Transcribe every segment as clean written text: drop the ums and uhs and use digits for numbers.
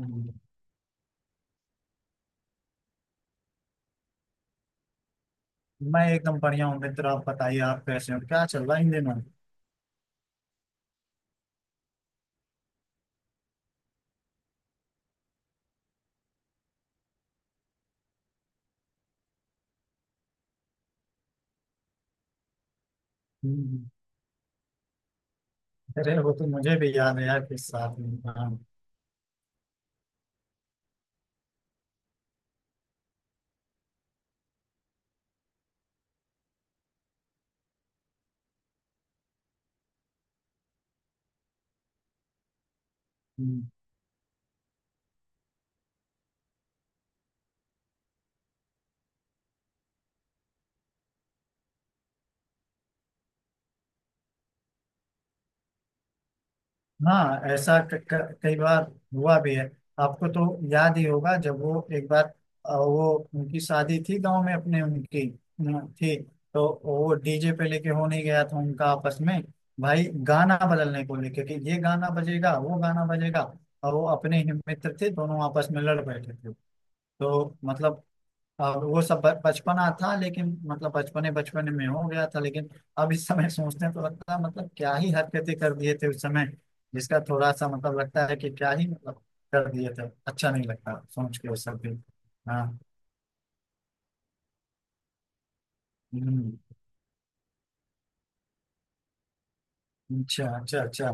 हम्म, मैं एकदम बढ़िया हूँ मित्र। आप बताइए, आप कैसे हो? क्या चल रहा है इन दिनों? हम्म, अरे वो तो मुझे भी याद है यार, किस साथ में। हाँ। हम्म, हाँ, ऐसा क, क, कई बार हुआ भी है। आपको तो याद ही होगा जब वो एक बार वो उनकी शादी थी गांव में अपने उनकी थी। तो वो डीजे पे लेके होने गया था उनका आपस में भाई, गाना बदलने को लेके कि ये गाना बजेगा वो गाना बजेगा। और वो अपने ही मित्र थे, दोनों आपस में लड़ बैठे थे। तो मतलब अब वो सब बचपना था, लेकिन मतलब बचपने बचपने में हो गया था, लेकिन अब इस समय सोचते हैं तो लगता है मतलब क्या ही हरकतें कर दिए थे उस समय। जिसका थोड़ा सा मतलब लगता है कि क्या ही मतलब कर दिए थे, अच्छा नहीं लगता सोच के वो सब भी। हाँ। हम्म। अच्छा, अच्छा, अच्छा।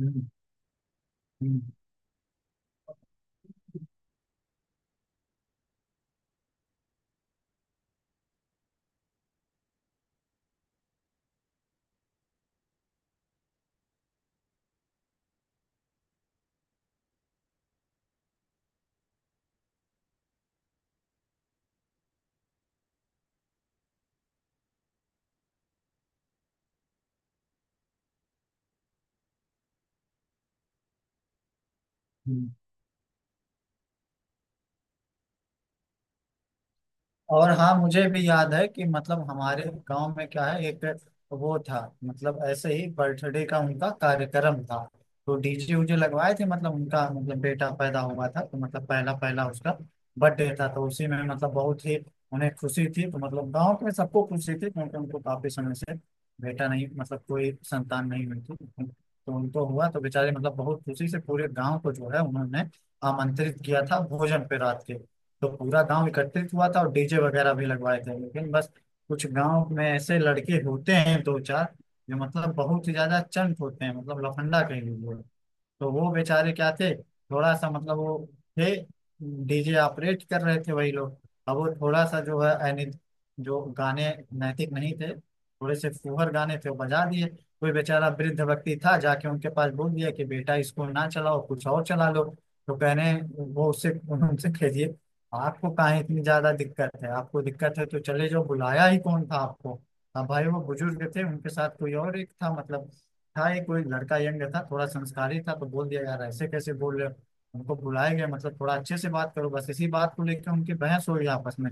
हम्म। हम्म। हम्म। और हाँ, मुझे भी याद है कि मतलब हमारे गांव में क्या है, एक वो था। मतलब ऐसे ही बर्थडे का उनका कार्यक्रम था, तो डीजे उजे लगवाए थे। मतलब उनका मतलब बेटा पैदा हुआ था, तो मतलब पहला पहला उसका बर्थडे था। तो उसी में मतलब बहुत ही उन्हें खुशी थी, तो मतलब गांव के सबको खुशी थी, क्योंकि उनको काफी समय से बेटा नहीं, मतलब कोई संतान नहीं हुई थी। तो उनको हुआ तो बेचारे मतलब बहुत खुशी से पूरे गांव को जो है उन्होंने आमंत्रित किया था भोजन पे रात के। तो पूरा गांव एकत्रित हुआ था और डीजे वगैरह भी लगवाए थे, लेकिन बस कुछ गांव में ऐसे लड़के होते हैं दो चार, जो मतलब बहुत ही ज्यादा चंट होते हैं, मतलब लफंडा कहेंगे वो। तो वो बेचारे क्या थे, थोड़ा सा मतलब वो थे, डीजे ऑपरेट कर रहे थे वही लोग। अब वो थोड़ा सा जो है, यानी जो गाने नैतिक नहीं थे, थोड़े से फूहर गाने थे, वो बजा दिए। कोई बेचारा वृद्ध व्यक्ति था, जाके उनके पास बोल दिया कि बेटा इसको ना चलाओ, कुछ और चला लो। तो कहने वो उससे उनसे कहिए, आपको काहे इतनी ज्यादा दिक्कत है? आपको दिक्कत है तो चले जाओ, बुलाया ही कौन था आपको। अब भाई वो बुजुर्ग थे, उनके साथ कोई और एक था, मतलब था एक कोई लड़का, यंग था, थोड़ा संस्कारी था। तो बोल दिया, यार ऐसे कैसे बोल रहे हो, हमको बुलाए गए, मतलब थोड़ा अच्छे से बात करो। बस इसी बात को लेकर उनकी बहस हो गई आपस में।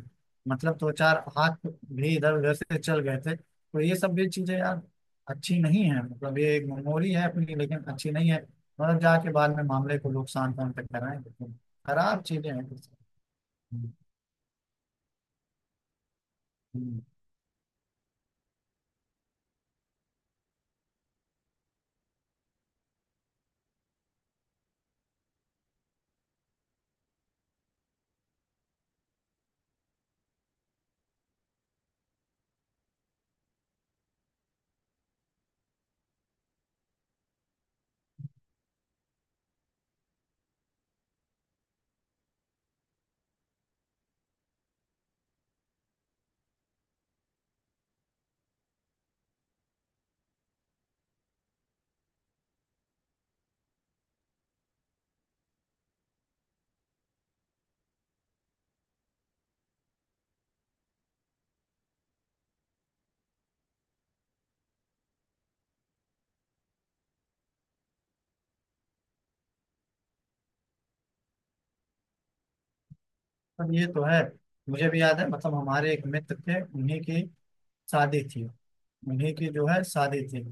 मतलब दो चार हाथ भी इधर उधर से चल गए थे। तो ये सब भी चीजें यार अच्छी नहीं है, मतलब ये एक मेमोरी है अपनी, लेकिन अच्छी नहीं है। मतलब जाके बाद में मामले को लोग शांत तक कराएं, लेकिन खराब चीजें हैं। हम्म। हम्म। अब ये तो है। मुझे भी याद है, मतलब हमारे एक मित्र थे, उन्हीं की शादी थी। उन्हीं की जो है शादी थी,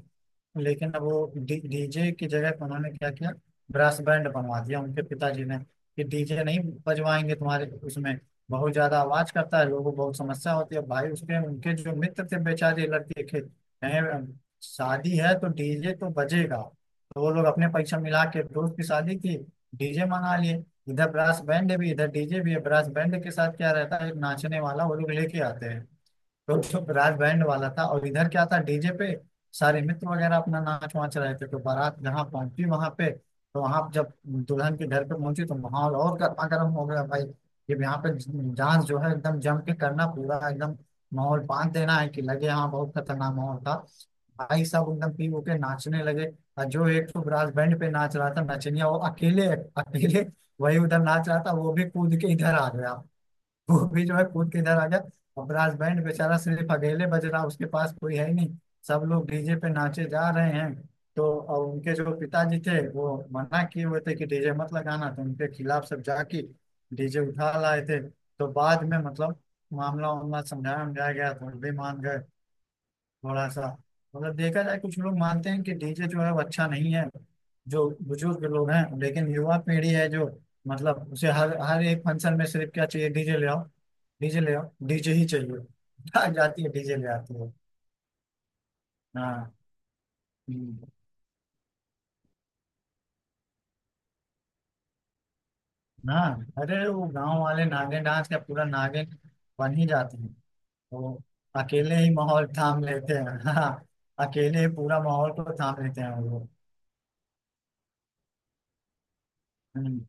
लेकिन अब वो डीजे की जगह पे उन्होंने क्या किया, ब्रास बैंड बनवा दिया उनके पिताजी ने, कि डीजे नहीं बजवाएंगे तुम्हारे उसमें, बहुत ज्यादा आवाज करता है, लोगों को बहुत समस्या होती है भाई उसके। उनके जो मित्र थे बेचारे लड़के के, कहे शादी है तो डीजे तो बजेगा। तो वो लोग अपने पैसा मिला के दोस्त की शादी की डीजे मंगा लिए। इधर ब्रास बैंड भी, इधर डीजे भी है। ब्रास बैंड के साथ क्या रहता है, एक नाचने वाला वो लोग लेके आते हैं। तो चुप राज बैंड वाला था, और इधर क्या था, डीजे पे सारे मित्र वगैरह अपना नाच वाच रहे थे। तो बारात जहाँ पहुंची वहां पे, तो वहां जब दुल्हन के घर पे पहुंची, तो माहौल और गर्मा गर्म हो गया भाई। जब यहाँ पे डांस जो है एकदम जम के करना पूरा, एकदम माहौल बांध देना है कि लगे, हाँ बहुत खतरनाक माहौल था। भाई साहब एकदम पी हो के नाचने लगे। और जो एक तो ब्रास बैंड पे नाच रहा था नचनिया, वो अकेले अकेले वही उधर नाच रहा था, वो भी कूद के इधर आ गया। वो भी जो है कूद के इधर आ गया। और ब्रास बैंड बेचारा सिर्फ अकेले बज रहा, उसके पास कोई है ही नहीं, सब लोग डीजे पे नाचे जा रहे हैं। तो और उनके जो पिताजी थे वो मना किए हुए थे कि डीजे मत लगाना, तो उनके खिलाफ सब जाके डीजे उठा लाए थे। तो बाद में मतलब मामला वामला समझाया समझाया गया तो वो भी मान गए थोड़ा सा। मतलब देखा जाए, कुछ लोग मानते हैं कि डीजे जो है वो अच्छा नहीं है, जो बुजुर्ग लोग हैं। लेकिन युवा पीढ़ी है जो मतलब उसे हर हर एक फंक्शन में सिर्फ क्या चाहिए, डीजे ले आओ, डीजे ले आओ, डीजे ही चाहिए। भाग जाती है डीजे ले आती है। हाँ। हम्म। हाँ, अरे वो गांव वाले नागिन डांस का पूरा नागिन बन ही जाते हैं। वो अकेले ही माहौल थाम लेते हैं। हाँ, अकेले ही पूरा माहौल को थाम लेते हैं वो लोग। हम्म।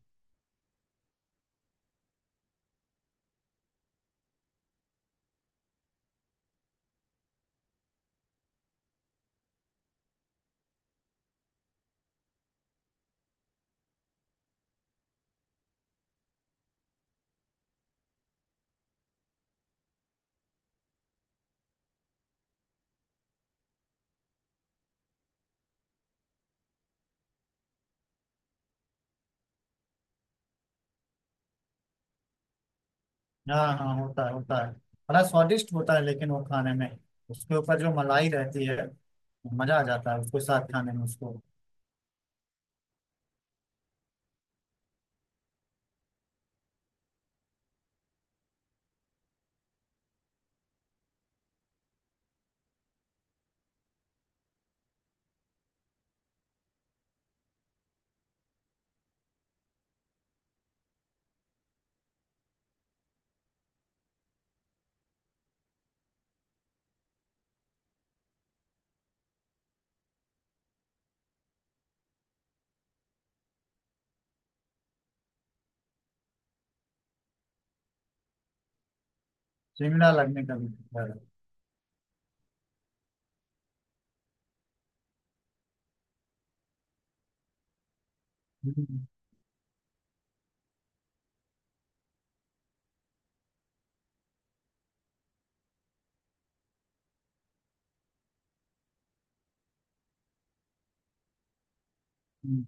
हाँ, हाँ, होता है, होता है। बड़ा स्वादिष्ट होता है, लेकिन वो खाने में उसके ऊपर जो मलाई रहती है, मजा आ जाता है उसके साथ खाने में उसको। चिमड़ा लगने का भी डर है। हम्म। हम्म।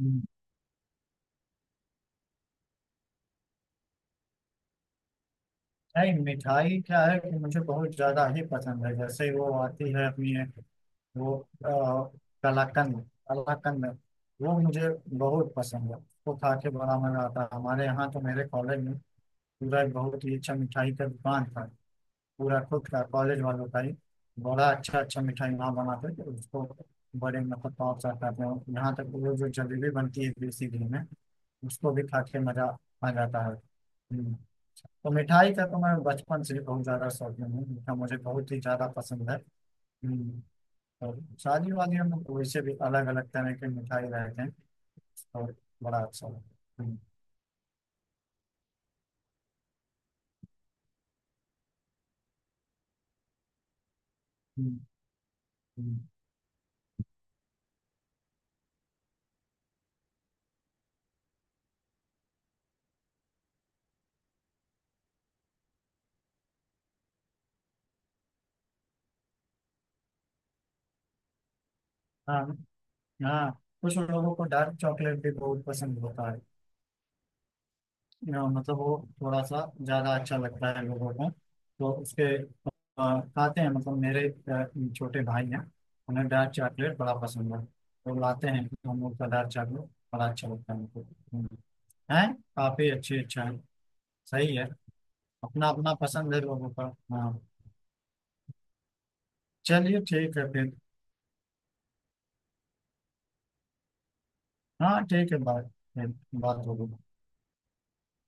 हम्म। नहीं, मिठाई क्या है कि मुझे बहुत ज्यादा ही पसंद है। जैसे वो आती है अपनी एक वो अ, कलाकंद, कलाकंद वो मुझे बहुत पसंद है। उसको खा के बड़ा मजा आता है। हमारे यहाँ तो मेरे कॉलेज में पूरा एक बहुत ही अच्छा मिठाई का दुकान था, पूरा खुद का कॉलेज वालों का ही। बड़ा अच्छा अच्छा मिठाई वहाँ बनाते थे, उसको बड़े मतलब पहुँचाते थे। यहाँ तक कि वो जो जलेबी बनती है देसी घी में, उसको भी खा के मजा आ जाता है। हम्म। तो मिठाई का तो मैं बचपन से ही बहुत ज्यादा शौकीन हूँ, मीठा मुझे बहुत ही ज्यादा पसंद है। हम्म। और शादी वादियों में तो वैसे भी अलग अलग तरह के मिठाई रहते हैं, और बड़ा अच्छा लगता है। हम्म। हम्म। हम्म। हाँ, हाँ, कुछ लोगों को डार्क चॉकलेट भी बहुत पसंद होता है, मतलब वो थोड़ा सा ज़्यादा अच्छा लगता है लोगों को। तो उसके खाते हैं, मतलब मेरे छोटे भाई हैं, उन्हें डार्क चॉकलेट बड़ा पसंद है। तो लाते हैं हम लोग का डार्क चॉकलेट बड़ा अच्छा लगता है उनको। हम्म। हैं काफ़ी अच्छे, अच्छा है, सही है। अपना अपना पसंद है लोगों का। हाँ, चलिए ठीक है फिर। हाँ, ठीक है, बात फिर बात होगी।